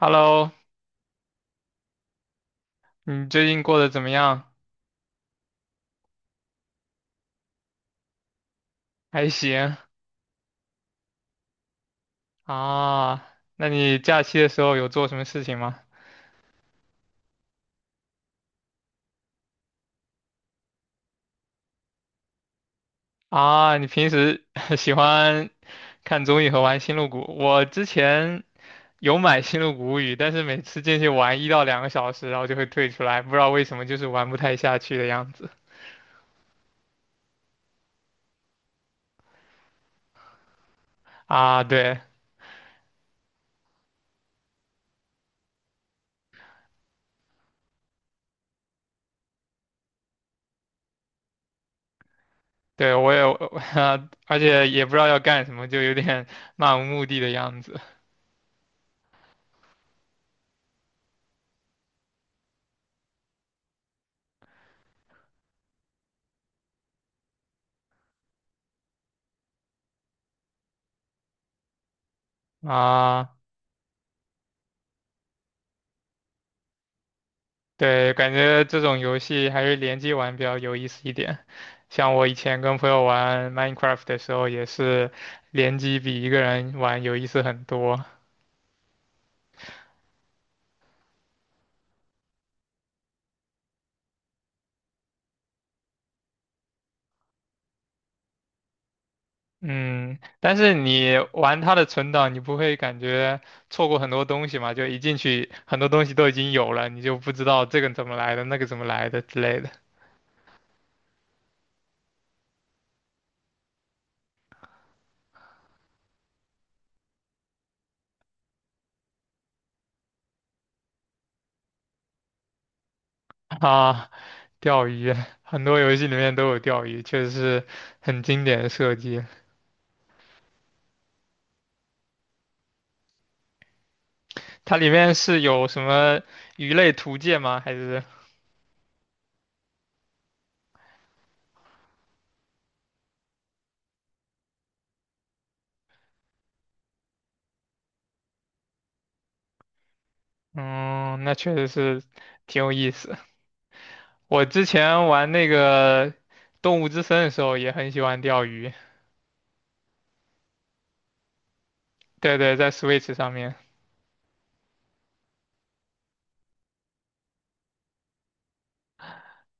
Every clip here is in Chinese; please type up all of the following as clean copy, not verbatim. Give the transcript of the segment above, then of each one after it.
Hello,你最近过得怎么样？还行啊。那你假期的时候有做什么事情吗？啊，你平时 喜欢看综艺和玩《星露谷》？我之前有买《星露谷物语》，但是每次进去玩1到2个小时，然后就会退出来，不知道为什么，就是玩不太下去的样子。啊，对对，我也，而且也不知道要干什么，就有点 漫无目的的样子啊。对，感觉这种游戏还是联机玩比较有意思一点。像我以前跟朋友玩 Minecraft 的时候，也是联机比一个人玩有意思很多。嗯，但是你玩它的存档，你不会感觉错过很多东西嘛？就一进去，很多东西都已经有了，你就不知道这个怎么来的，那个怎么来的之类的。啊，钓鱼，很多游戏里面都有钓鱼，确实是很经典的设计。它里面是有什么鱼类图鉴吗？还是？嗯，那确实是挺有意思。我之前玩那个《动物之森》的时候也很喜欢钓鱼，对对，在 Switch 上面。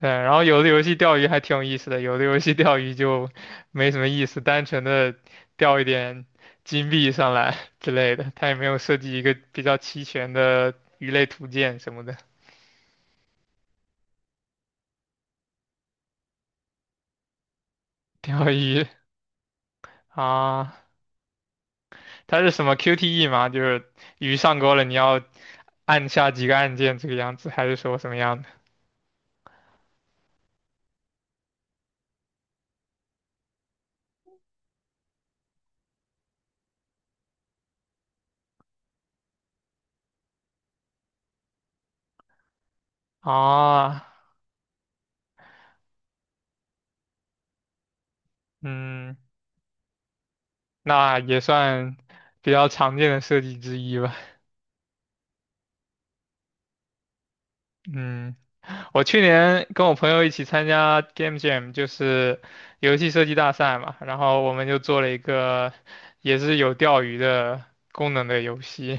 对，然后有的游戏钓鱼还挺有意思的，有的游戏钓鱼就没什么意思，单纯的钓一点金币上来 之类的，它也没有设计一个比较齐全的鱼类图鉴什么的。钓鱼啊，它是什么 QTE 吗？就是鱼上钩了，你要按下几个按键这个样子，还是说什么样的？啊，嗯，那也算比较常见的设计之一吧。嗯，我去年跟我朋友一起参加 Game Jam,就是游戏设计大赛嘛，然后我们就做了一个也是有钓鱼的功能的游戏，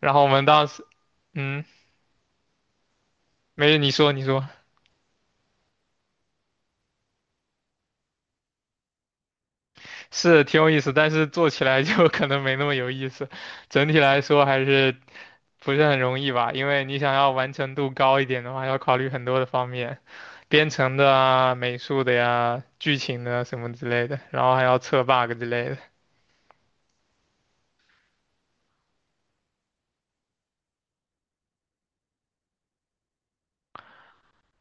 然后我们当时，嗯，没，你说你说，是挺有意思，但是做起来就 可能没那么有意思，整体来说还是不是很容易吧，因为你想要完成度高一点的话，要考虑很多的方面。编程的啊、美术的呀、剧情的啊什么之类的，然后还要测 bug 之类的。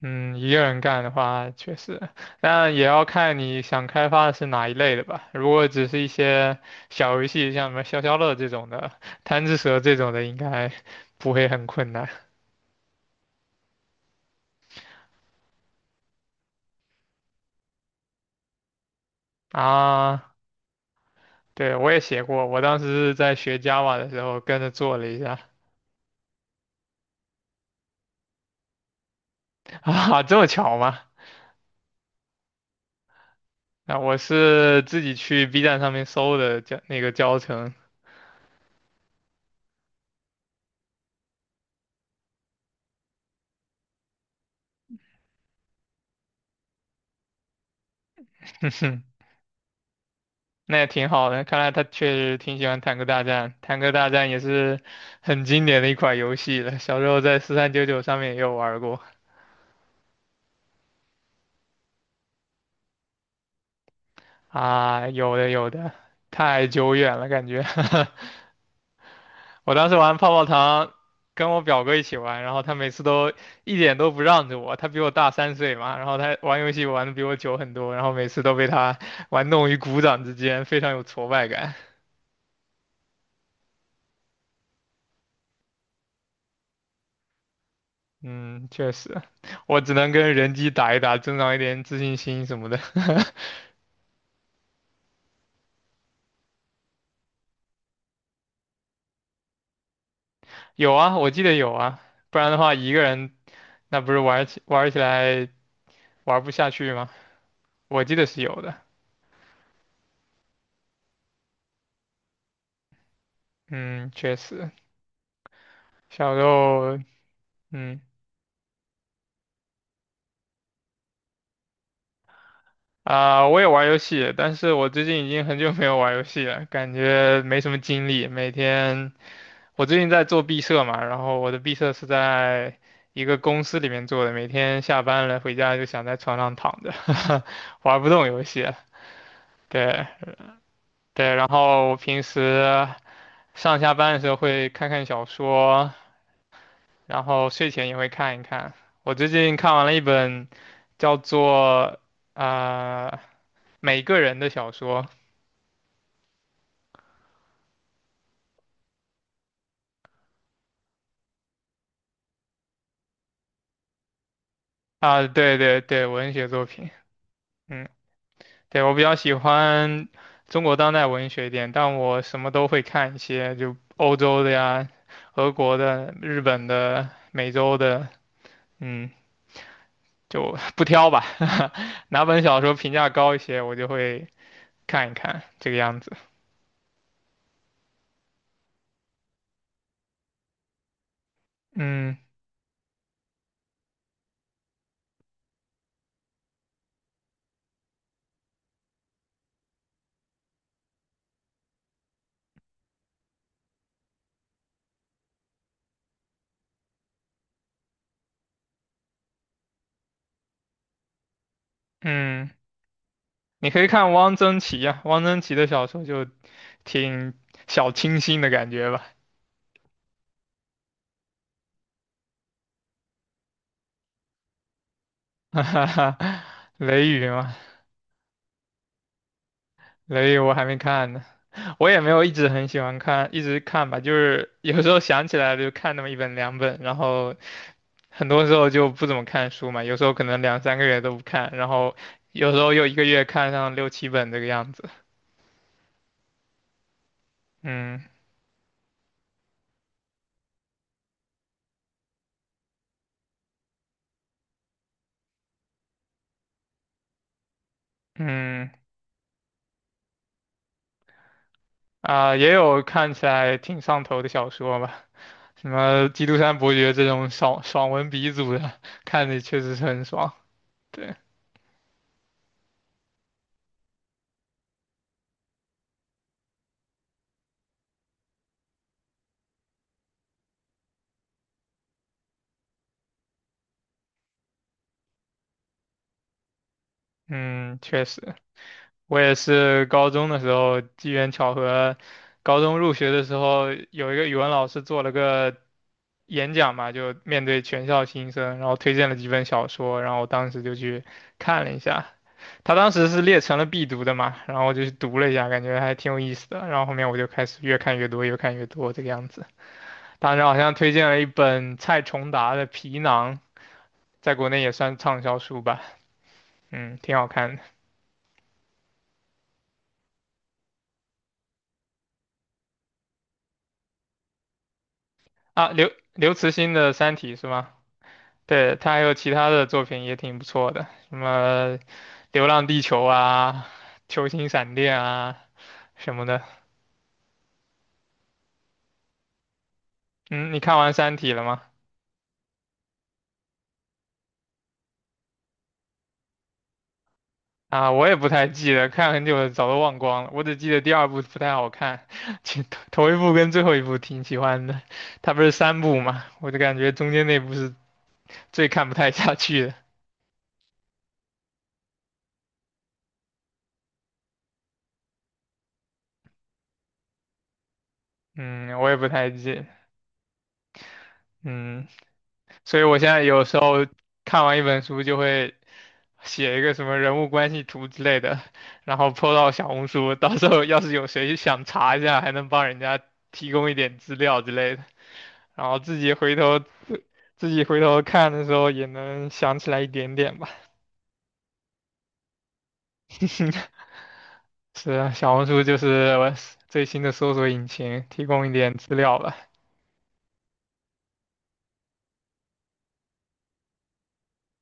嗯，一个人干的话确实，但也要看你想开发的是哪一类的吧。如果只是一些小游戏，像什么消消乐这种的、贪吃蛇这种的，应该 不会很困难啊。对，我也写过，我当时是在学 Java 的时候跟着做了一下 啊，这么巧吗？啊，我是自己去 B 站上面搜的教那个教程。那也挺好的，看来他确实挺喜欢《坦克大战》。《坦克大战》也是很经典的一款游戏了，小时候在4399上面也有玩过啊，有的有的，太久远了感觉。我当时玩泡泡糖，跟我表哥一起玩，然后他每次都一点都不让着我，他比我大3岁嘛，然后他玩游戏玩的比我久很多，然后每次都被他玩弄于股掌之间，非常有挫败感。嗯，确实，我只能跟人机打一打，增长一点自信心什么的。有啊，我记得有啊，不然的话一个人那不是玩起来玩不下去吗？我记得是有的。嗯，确实，小时候，嗯啊、我也玩游戏，但是我最近已经很久没有玩游戏了，感觉没什么精力。每天我最近在做毕设嘛，然后我的毕设是在一个公司里面做的，每天下班了回家就想在床上躺着，玩不动游戏。对对，然后我平时上下班的时候会看看小说，然后睡前也会看一看。我最近看完了一本叫做啊、呃每个人的小说啊，对对对，文学作品。嗯，对，我比较喜欢中国当代文学一点，但我什么都会看一些，就欧洲的呀、俄国的、日本的、美洲的，嗯，就 不挑吧。哪本小说评价高一些，我就会看一看这个样子。嗯。嗯，你可以看汪曾祺呀、汪曾祺的小说就挺小清新的感觉吧。哈哈哈，雷雨嘛，雷雨我还没看呢，我也没有一直很喜欢看，一直看吧，就是有时候想起来了就看那么一本两本，然后很多时候就不怎么看书嘛，有时候可能2、3个月都不看，然后有时候又1个月看上6、7本这个样子。嗯嗯。啊、也有看起来挺上头的小说吧，什么《基督山伯爵》这种爽文鼻祖的，看着确实是很爽。对，嗯，确实，我也是高中的时候机缘巧合，高中入学的时候有一个语文老师做了个演讲嘛，就面对全校新生，然后推荐了几本小说，然后我当时就去看了一下，他当时是列成了必读的嘛，然后我就去读了一下，感觉还挺有意思的。然后后面我就开始越看越多，越看越多这个样子。当时好像推荐了一本蔡崇达的《皮囊》，在国内也算畅销书吧，嗯，挺好看的啊。刘慈欣的《三体》是吗？对，他还有其他的作品也挺不错的，什么《流浪地球》啊、《球形闪电》啊什么的。嗯，你看完《三体》了吗？啊，我也不太记得，看很久了，早都忘光了。我只记得第二部不太好看，其头一部跟最后一部挺喜欢的。它不是三部嘛，我就感觉中间那部是最看不太下去的。嗯，我也不太记。嗯。所以我现在有时候看完一本书就会写一个什么人物关系图之类的，然后 po 到小红书，到时候要是有谁想查一下，还能帮人家提供一点资料之类的，然后自己回头看的时候也能想起来一点点吧。是啊，小红书就是我最新的搜索引擎，提供一点资料吧。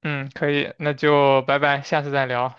嗯，可以，那就拜拜，下次再聊。